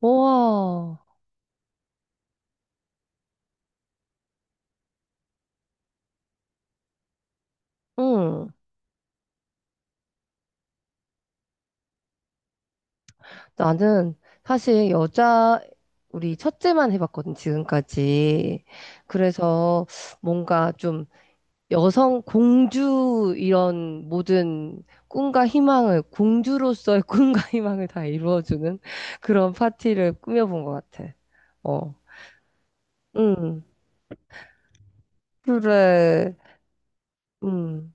우 와, 응. 나는 사실 우리 첫째만 해봤거든, 지금까지. 그래서 뭔가 좀 여성 공주 이런 모든 꿈과 희망을, 공주로서의 꿈과 희망을 다 이루어주는 그런 파티를 꾸며본 것 같아. 어, 응. 그래, 응.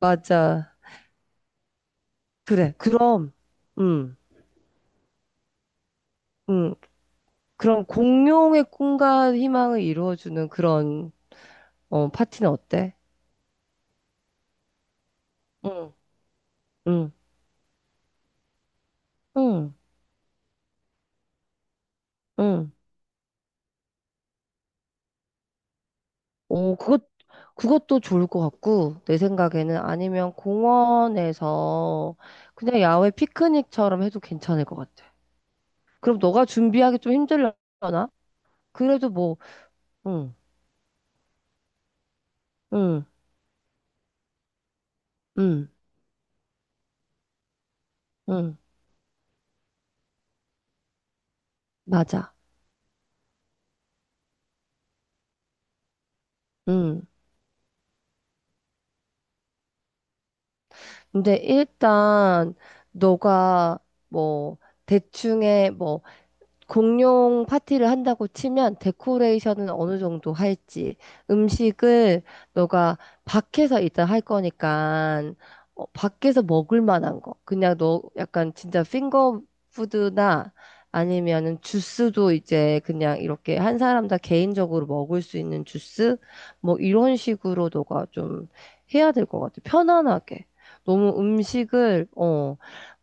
맞아. 그래, 그럼, 응. 응. 그런 공룡의 꿈과 희망을 이루어주는 그런 파티는 어때? 응, 응, 응, 응. 오, 그것도 좋을 것 같고, 내 생각에는 아니면 공원에서 그냥 야외 피크닉처럼 해도 괜찮을 것 같아. 그럼 너가 준비하기 좀 힘들려나? 그래도 뭐, 응, 응, 응, 응, 맞아. 응. 근데 일단, 너가 뭐, 대충의 뭐, 공용 파티를 한다고 치면 데코레이션은 어느 정도 할지 음식을 너가 밖에서 일단 할 거니까 밖에서 먹을 만한 거 그냥 너 약간 진짜 핑거푸드나 아니면은 주스도 이제 그냥 이렇게 한 사람 다 개인적으로 먹을 수 있는 주스 뭐 이런 식으로 너가 좀 해야 될 것 같아 편안하게 너무 음식을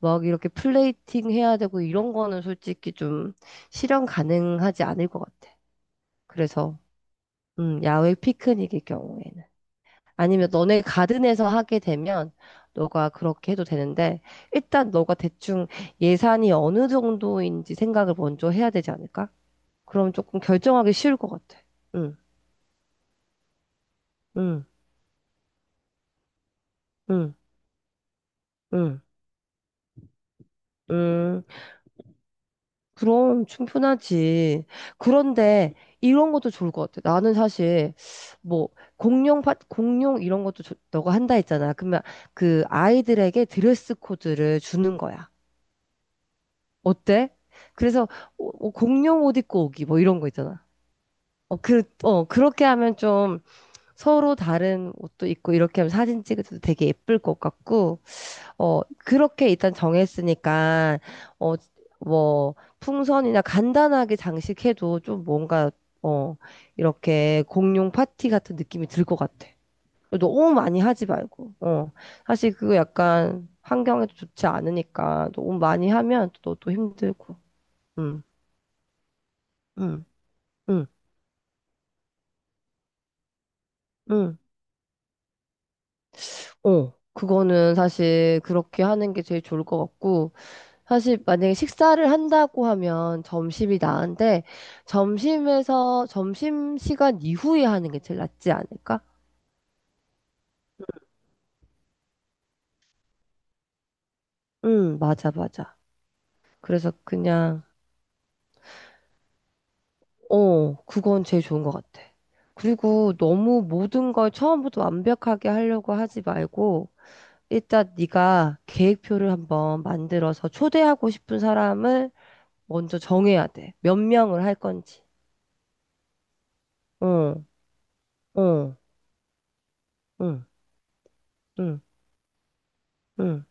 막 이렇게 플레이팅 해야 되고 이런 거는 솔직히 좀 실현 가능하지 않을 것 같아. 그래서, 야외 피크닉일 경우에는. 아니면 너네 가든에서 하게 되면 너가 그렇게 해도 되는데, 일단 너가 대충 예산이 어느 정도인지 생각을 먼저 해야 되지 않을까? 그럼 조금 결정하기 쉬울 것 같아. 응, 응, 응, 응, 응. 그럼 충분하지. 그런데 이런 것도 좋을 것 같아. 나는 사실 뭐 공룡 이런 것도 너가 한다 했잖아. 그러면 그 아이들에게 드레스 코드를 주는 거야. 어때? 그래서 공룡 옷 입고 오기 뭐 이런 거 있잖아. 그렇게 하면 좀 서로 다른 옷도 입고 이렇게 하면 사진 찍을 때도 되게 예쁠 것 같고 그렇게 일단 정했으니까, 어, 뭐, 풍선이나 간단하게 장식해도 좀 뭔가, 어, 이렇게 공룡 파티 같은 느낌이 들 것 같아. 너무 많이 하지 말고, 어. 사실 그거 약간 환경에도 좋지 않으니까 너무 많이 하면 또 힘들고, 응, 응, 응, 응. 그거는 사실 그렇게 하는 게 제일 좋을 것 같고, 사실 만약에 식사를 한다고 하면 점심이 나은데 점심에서 점심 시간 이후에 하는 게 제일 낫지 않을까? 응, 맞아, 맞아. 그래서 그냥 그건 제일 좋은 것 같아. 그리고 너무 모든 걸 처음부터 완벽하게 하려고 하지 말고 일단 네가 계획표를 한번 만들어서 초대하고 싶은 사람을 먼저 정해야 돼. 몇 명을 할 건지. 어, 어, 응, 응, 응,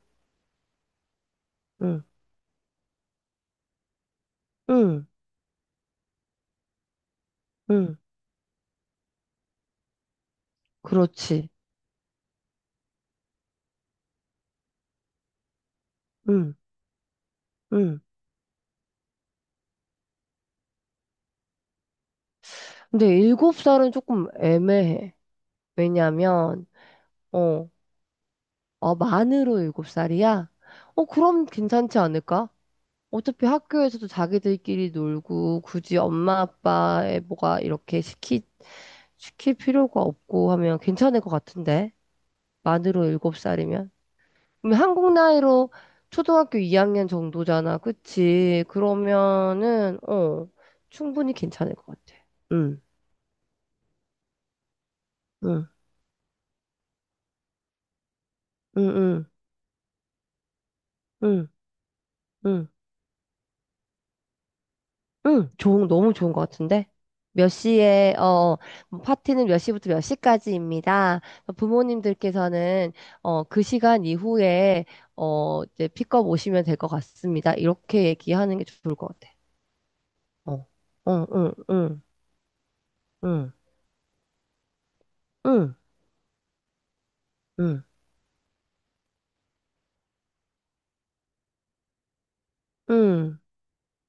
응, 응, 응. 그렇지. 응, 응. 근데 일곱 살은 조금 애매해. 왜냐면, 어, 아, 만으로 일곱 살이야? 어, 그럼 괜찮지 않을까? 어차피 학교에서도 자기들끼리 놀고, 굳이 엄마 아빠의 뭐가 시킬 필요가 없고 하면 괜찮을 것 같은데? 만으로 일곱 살이면? 그럼 한국 나이로 초등학교 2학년 정도잖아. 그치? 그러면은, 어, 충분히 괜찮을 것 같아. 응, 응, 응, 응. 응, 응, 응. 좋은, 너무 좋은 것 같은데? 몇 시에, 어, 뭐 파티는 몇 시부터 몇 시까지입니다. 부모님들께서는, 어, 그 시간 이후에, 어, 이제 픽업 오시면 될 것 같습니다. 이렇게 얘기하는 게 좋을 것 같아. 어, 어, 응, 응, 응, 응, 응, 응,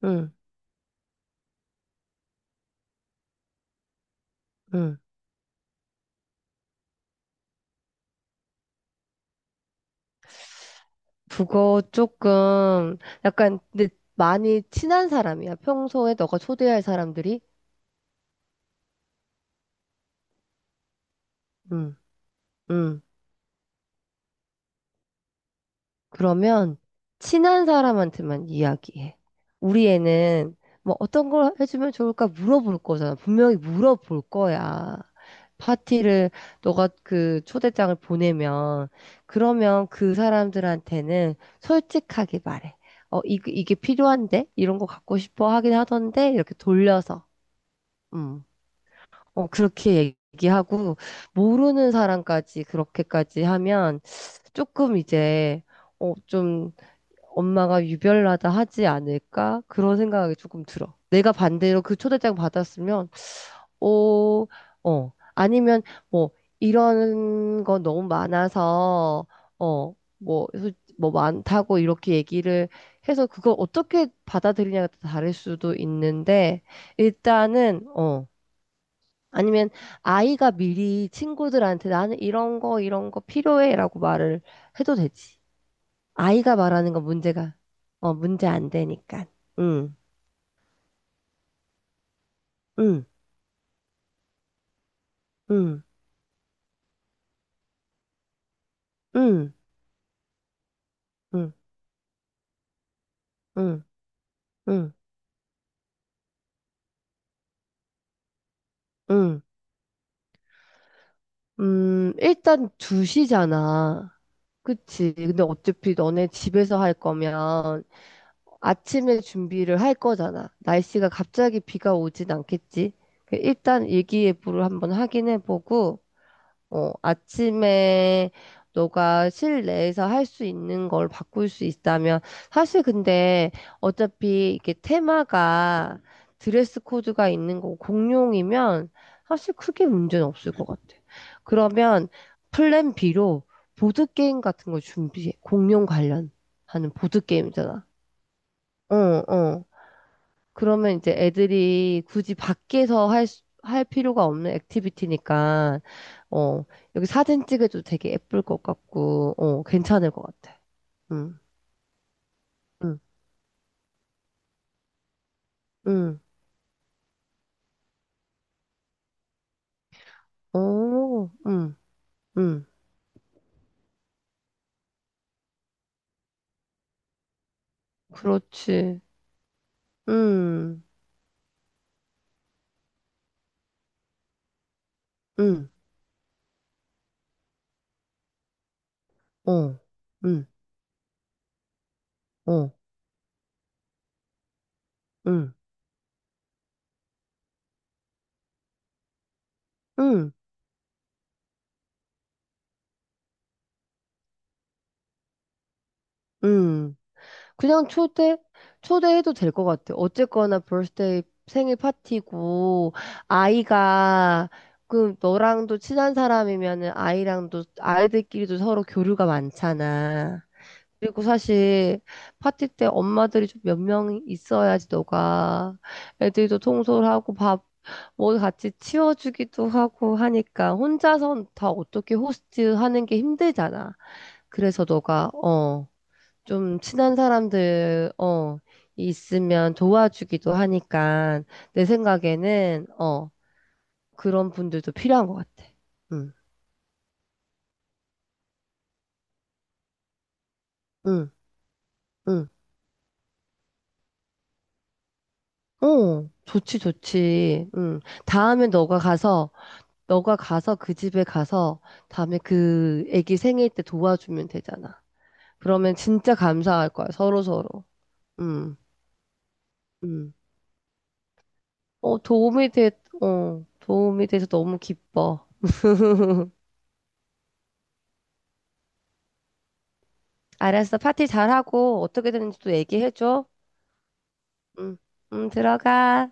응, 응. 그거 조금, 약간, 근데 많이 친한 사람이야. 평소에 너가 초대할 사람들이. 응, 응. 그러면 친한 사람한테만 이야기해. 우리 애는 뭐 어떤 걸 해주면 좋을까 물어볼 거잖아. 분명히 물어볼 거야. 파티를 너가 그 초대장을 보내면 그러면 그 사람들한테는 솔직하게 말해. 이게 필요한데? 이런 거 갖고 싶어 하긴 하던데? 이렇게 돌려서. 음. 어, 그렇게 얘기하고 모르는 사람까지 그렇게까지 하면 조금 이제 어, 좀 엄마가 유별나다 하지 않을까? 그런 생각이 조금 들어. 내가 반대로 그 초대장 받았으면, 어, 어, 아니면 뭐, 이런 거 너무 많아서, 어, 뭐, 뭐 많다고 이렇게 얘기를 해서 그걸 어떻게 받아들이냐가 다를 수도 있는데, 일단은, 어, 아니면 아이가 미리 친구들한테 나는 이런 거 필요해라고 말을 해도 되지. 아이가 말하는 건 문제 안 되니까. 응, 응, 응, 응, 응, 응, 응, 응. 일단 2시잖아. 그치. 근데 어차피 너네 집에서 할 거면 아침에 준비를 할 거잖아. 날씨가 갑자기 비가 오진 않겠지. 그 일단 일기예보를 한번 확인해 보고, 어, 아침에 너가 실내에서 할 수 있는 걸 바꿀 수 있다면 사실 근데 어차피 이게 테마가 드레스 코드가 있는 거 공룡이면 사실 크게 문제는 없을 것 같아. 그러면 플랜 B로 보드 게임 같은 걸 준비해. 공룡 관련하는 보드 게임이잖아. 어, 어. 그러면 이제 애들이 굳이 밖에서 할 필요가 없는 액티비티니까, 어, 여기 사진 찍어도 되게 예쁠 것 같고, 어, 괜찮을 것 같아. 응, 응, 응, 오, 응, 응, 그렇지. 응, 응, 어, 응, 어, 응, 응, 응. 그냥 초대? 초대해도 될 것 같아. 어쨌거나 birthday 생일 파티고, 아이가, 그, 너랑도 친한 사람이면은 아이들끼리도 서로 교류가 많잖아. 그리고 사실 파티 때 엄마들이 좀 몇 명 있어야지 너가 애들도 통솔하고 밥, 뭐 같이 치워주기도 하고 하니까 혼자선 다 어떻게 호스트하는 게 힘들잖아. 그래서 너가, 어. 좀 친한 사람들, 어, 있으면 도와주기도 하니까, 내 생각에는, 어, 그런 분들도 필요한 것 같아. 응, 응, 응. 어, 좋지, 좋지. 응. 다음에 너가 가서, 너가 가서 그 집에 가서, 다음에 그 애기 생일 때 도와주면 되잖아. 그러면 진짜 감사할 거야, 서로서로. 응, 응. 어, 도움이 돼서 너무 기뻐. 알았어. 파티 잘하고 어떻게 되는지 또 얘기해줘. 응, 응, 들어가.